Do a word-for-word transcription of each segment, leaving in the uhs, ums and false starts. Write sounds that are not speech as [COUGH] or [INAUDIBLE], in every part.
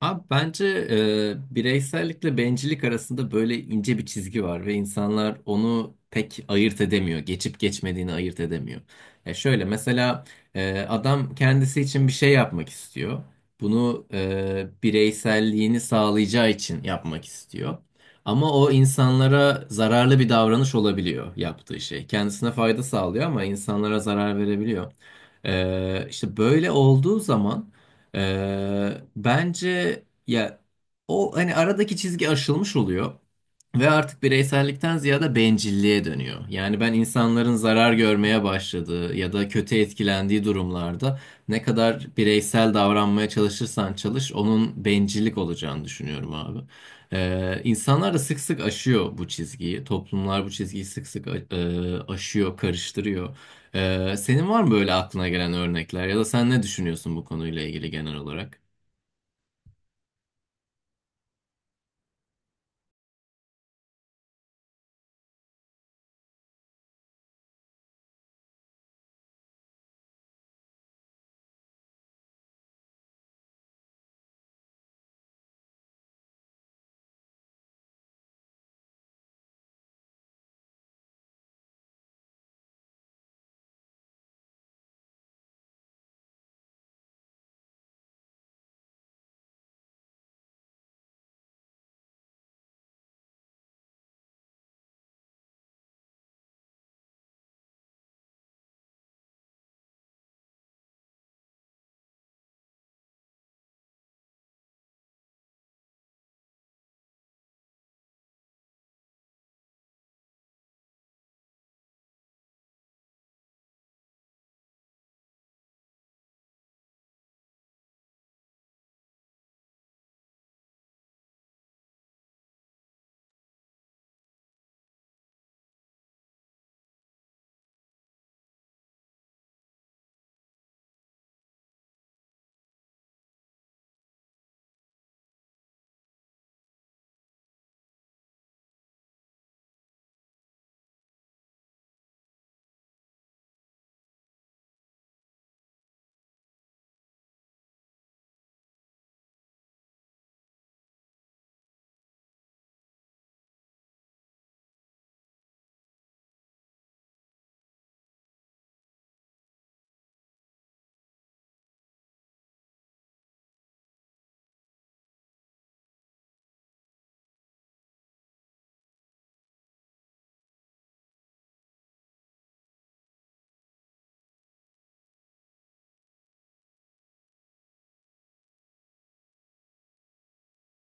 Abi bence e, bireysellikle bencillik arasında böyle ince bir çizgi var ve insanlar onu pek ayırt edemiyor. Geçip geçmediğini ayırt edemiyor. E şöyle mesela e, adam kendisi için bir şey yapmak istiyor. Bunu e, bireyselliğini sağlayacağı için yapmak istiyor. Ama o insanlara zararlı bir davranış olabiliyor yaptığı şey. Kendisine fayda sağlıyor ama insanlara zarar verebiliyor. E, işte böyle olduğu zaman... Ee, bence ya o hani aradaki çizgi aşılmış oluyor. Ve artık bireysellikten ziyade bencilliğe dönüyor. Yani ben insanların zarar görmeye başladığı ya da kötü etkilendiği durumlarda ne kadar bireysel davranmaya çalışırsan çalış onun bencillik olacağını düşünüyorum abi. Ee, insanlar da sık sık aşıyor bu çizgiyi. Toplumlar bu çizgiyi sık sık a- e, aşıyor, karıştırıyor. Ee, senin var mı böyle aklına gelen örnekler ya da sen ne düşünüyorsun bu konuyla ilgili genel olarak?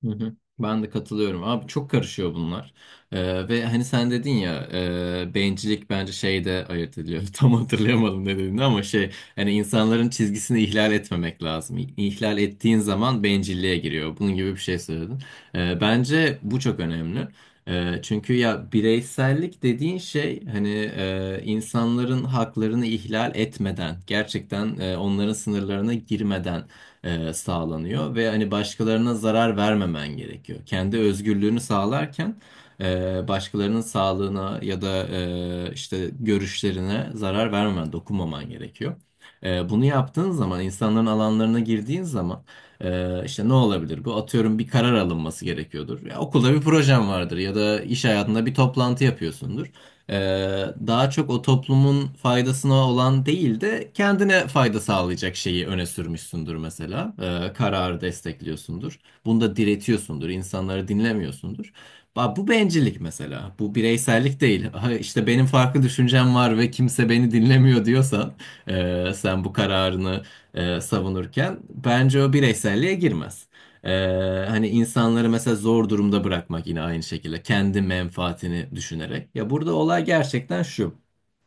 Hı hı. Ben de katılıyorum. Abi çok karışıyor bunlar. Ee, ve hani sen dedin ya e, bencillik bence şeyde ayırt ediliyor. [LAUGHS] Tam hatırlayamadım ne dediğini ama şey hani insanların çizgisini ihlal etmemek lazım. İ- İhlal ettiğin zaman bencilliğe giriyor. Bunun gibi bir şey söyledin. Ee, bence bu çok önemli. Ee, çünkü ya bireysellik dediğin şey hani e, insanların haklarını ihlal etmeden gerçekten e, onların sınırlarına girmeden e, sağlanıyor ve hani başkalarına zarar vermemen gerekiyor. Kendi özgürlüğünü sağlarken e, başkalarının sağlığına ya da e, işte görüşlerine zarar vermemen, dokunmaman gerekiyor. E, bunu yaptığın zaman, insanların alanlarına girdiğin zaman e, işte ne olabilir? Bu atıyorum bir karar alınması gerekiyordur. Ya, okulda bir projen vardır ya da iş hayatında bir toplantı yapıyorsundur. Ee, Daha çok o toplumun faydasına olan değil de kendine fayda sağlayacak şeyi öne sürmüşsündür mesela. Ee, kararı destekliyorsundur. Bunda diretiyorsundur. İnsanları dinlemiyorsundur. Ba- Bu bencillik mesela. Bu bireysellik değil. Ha, işte benim farklı düşüncem var ve kimse beni dinlemiyor diyorsan e, sen bu kararını e, savunurken bence o bireyselliğe girmez. Ee, Hani insanları mesela zor durumda bırakmak yine aynı şekilde kendi menfaatini düşünerek. Ya burada olay gerçekten şu.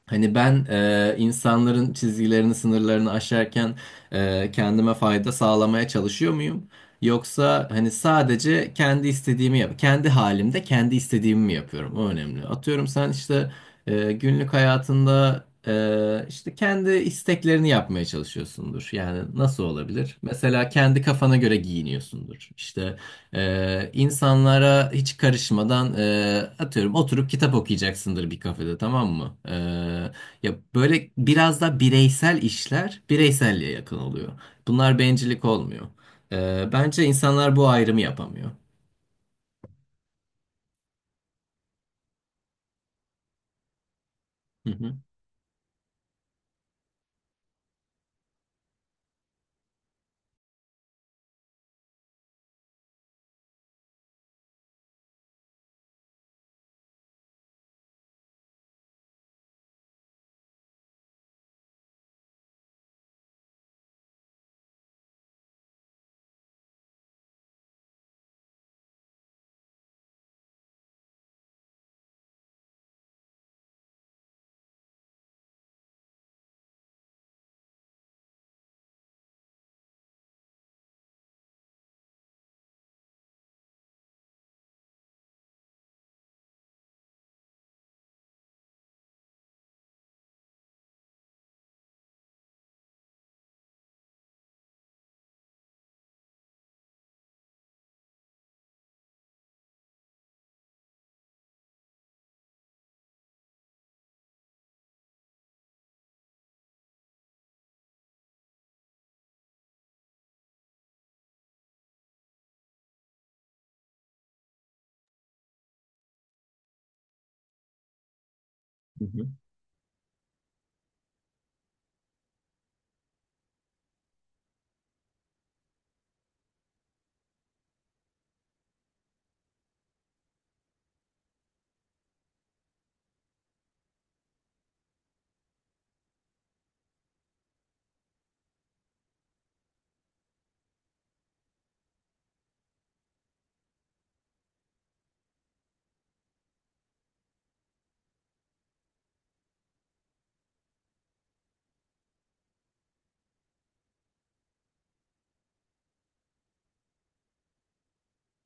Hani ben e, insanların çizgilerini, sınırlarını aşarken e, kendime fayda sağlamaya çalışıyor muyum? Yoksa hani sadece kendi istediğimi yap, kendi halimde kendi istediğimi mi yapıyorum? O önemli. Atıyorum sen işte e, günlük hayatında e, işte kendi isteklerini yapmaya çalışıyorsundur. Yani nasıl olabilir? Mesela kendi kafana göre giyiniyorsundur. İşte ee, insanlara hiç karışmadan e, atıyorum oturup kitap okuyacaksındır bir kafede tamam mı? Ee, ya böyle biraz da bireysel işler bireyselliğe yakın oluyor. Bunlar bencillik olmuyor. Ee, bence insanlar bu ayrımı yapamıyor. Hı hı. Hı hı.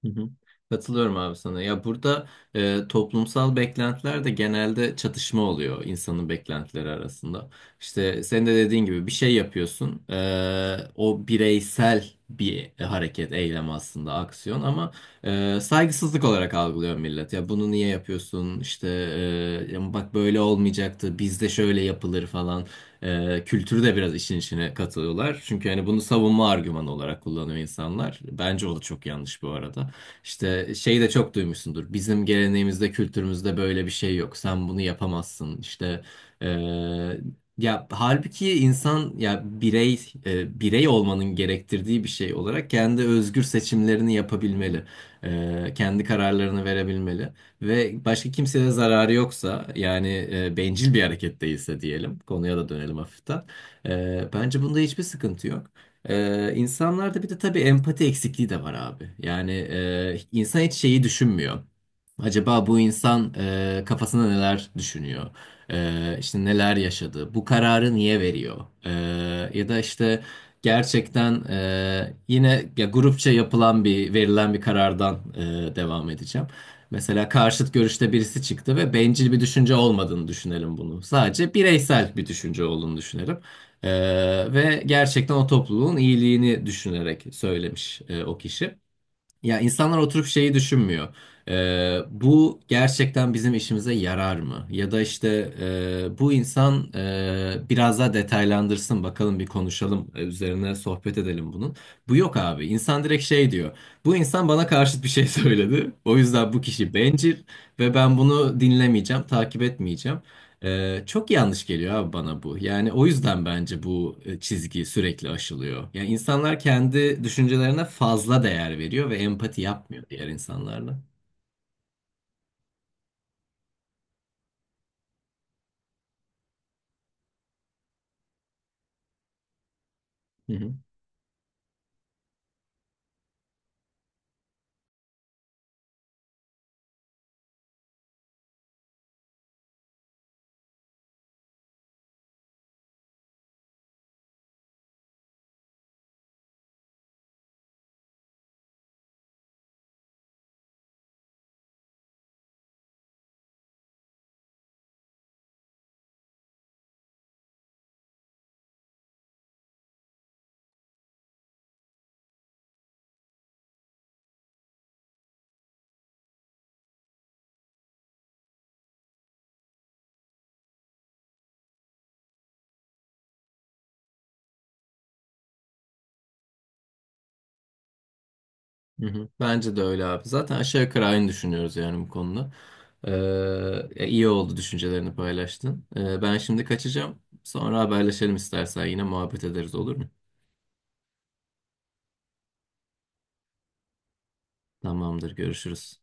Hı hı. Katılıyorum abi sana. Ya burada e, toplumsal beklentiler de genelde çatışma oluyor insanın beklentileri arasında. İşte sen de dediğin gibi bir şey yapıyorsun. E, o bireysel bir hareket, eylem aslında aksiyon ama e, saygısızlık olarak algılıyor millet. Ya bunu niye yapıyorsun? İşte e, ya bak böyle olmayacaktı. Bizde şöyle yapılır falan. E, kültürü de biraz işin içine katılıyorlar. Çünkü hani bunu savunma argümanı olarak kullanıyor insanlar. Bence o da çok yanlış bu arada. İşte şeyi de çok duymuşsundur. Bizim geleneğimizde, kültürümüzde böyle bir şey yok. Sen bunu yapamazsın. İşte eee, ya halbuki insan ya birey e, birey olmanın gerektirdiği bir şey olarak kendi özgür seçimlerini yapabilmeli. Eee, kendi kararlarını verebilmeli ve başka kimseye zararı yoksa yani e, bencil bir hareket değilse diyelim konuya da dönelim hafiften. Eee, bence bunda hiçbir sıkıntı yok. Ee, insanlarda bir de tabii empati eksikliği de var abi. Yani e, insan hiç şeyi düşünmüyor. Acaba bu insan e, kafasında neler düşünüyor? E, işte neler yaşadı? Bu kararı niye veriyor? E, ya da işte gerçekten e, yine ya grupça yapılan bir verilen bir karardan e, devam edeceğim. Mesela karşıt görüşte birisi çıktı ve bencil bir düşünce olmadığını düşünelim bunu. Sadece bireysel bir düşünce olduğunu düşünelim. Ee, Ve gerçekten o topluluğun iyiliğini düşünerek söylemiş e, o kişi. Ya insanlar oturup şeyi düşünmüyor. Ee, bu gerçekten bizim işimize yarar mı? Ya da işte e, bu insan e, biraz daha detaylandırsın bakalım bir konuşalım e, üzerine sohbet edelim bunun. Bu yok abi. İnsan direkt şey diyor. Bu insan bana karşıt bir şey [LAUGHS] söyledi. O yüzden bu kişi bencil ve ben bunu dinlemeyeceğim, takip etmeyeceğim. Ee, çok yanlış geliyor abi bana bu. Yani o yüzden bence bu e, çizgi sürekli aşılıyor. Yani insanlar kendi düşüncelerine fazla değer veriyor ve empati yapmıyor diğer insanlarla. Hı hı, hı hı. Bence de öyle abi. Zaten aşağı yukarı aynı düşünüyoruz yani bu konuda. Ee, e, iyi oldu düşüncelerini paylaştın. Ee, ben şimdi kaçacağım. Sonra haberleşelim istersen yine muhabbet ederiz olur mu? Tamamdır, görüşürüz.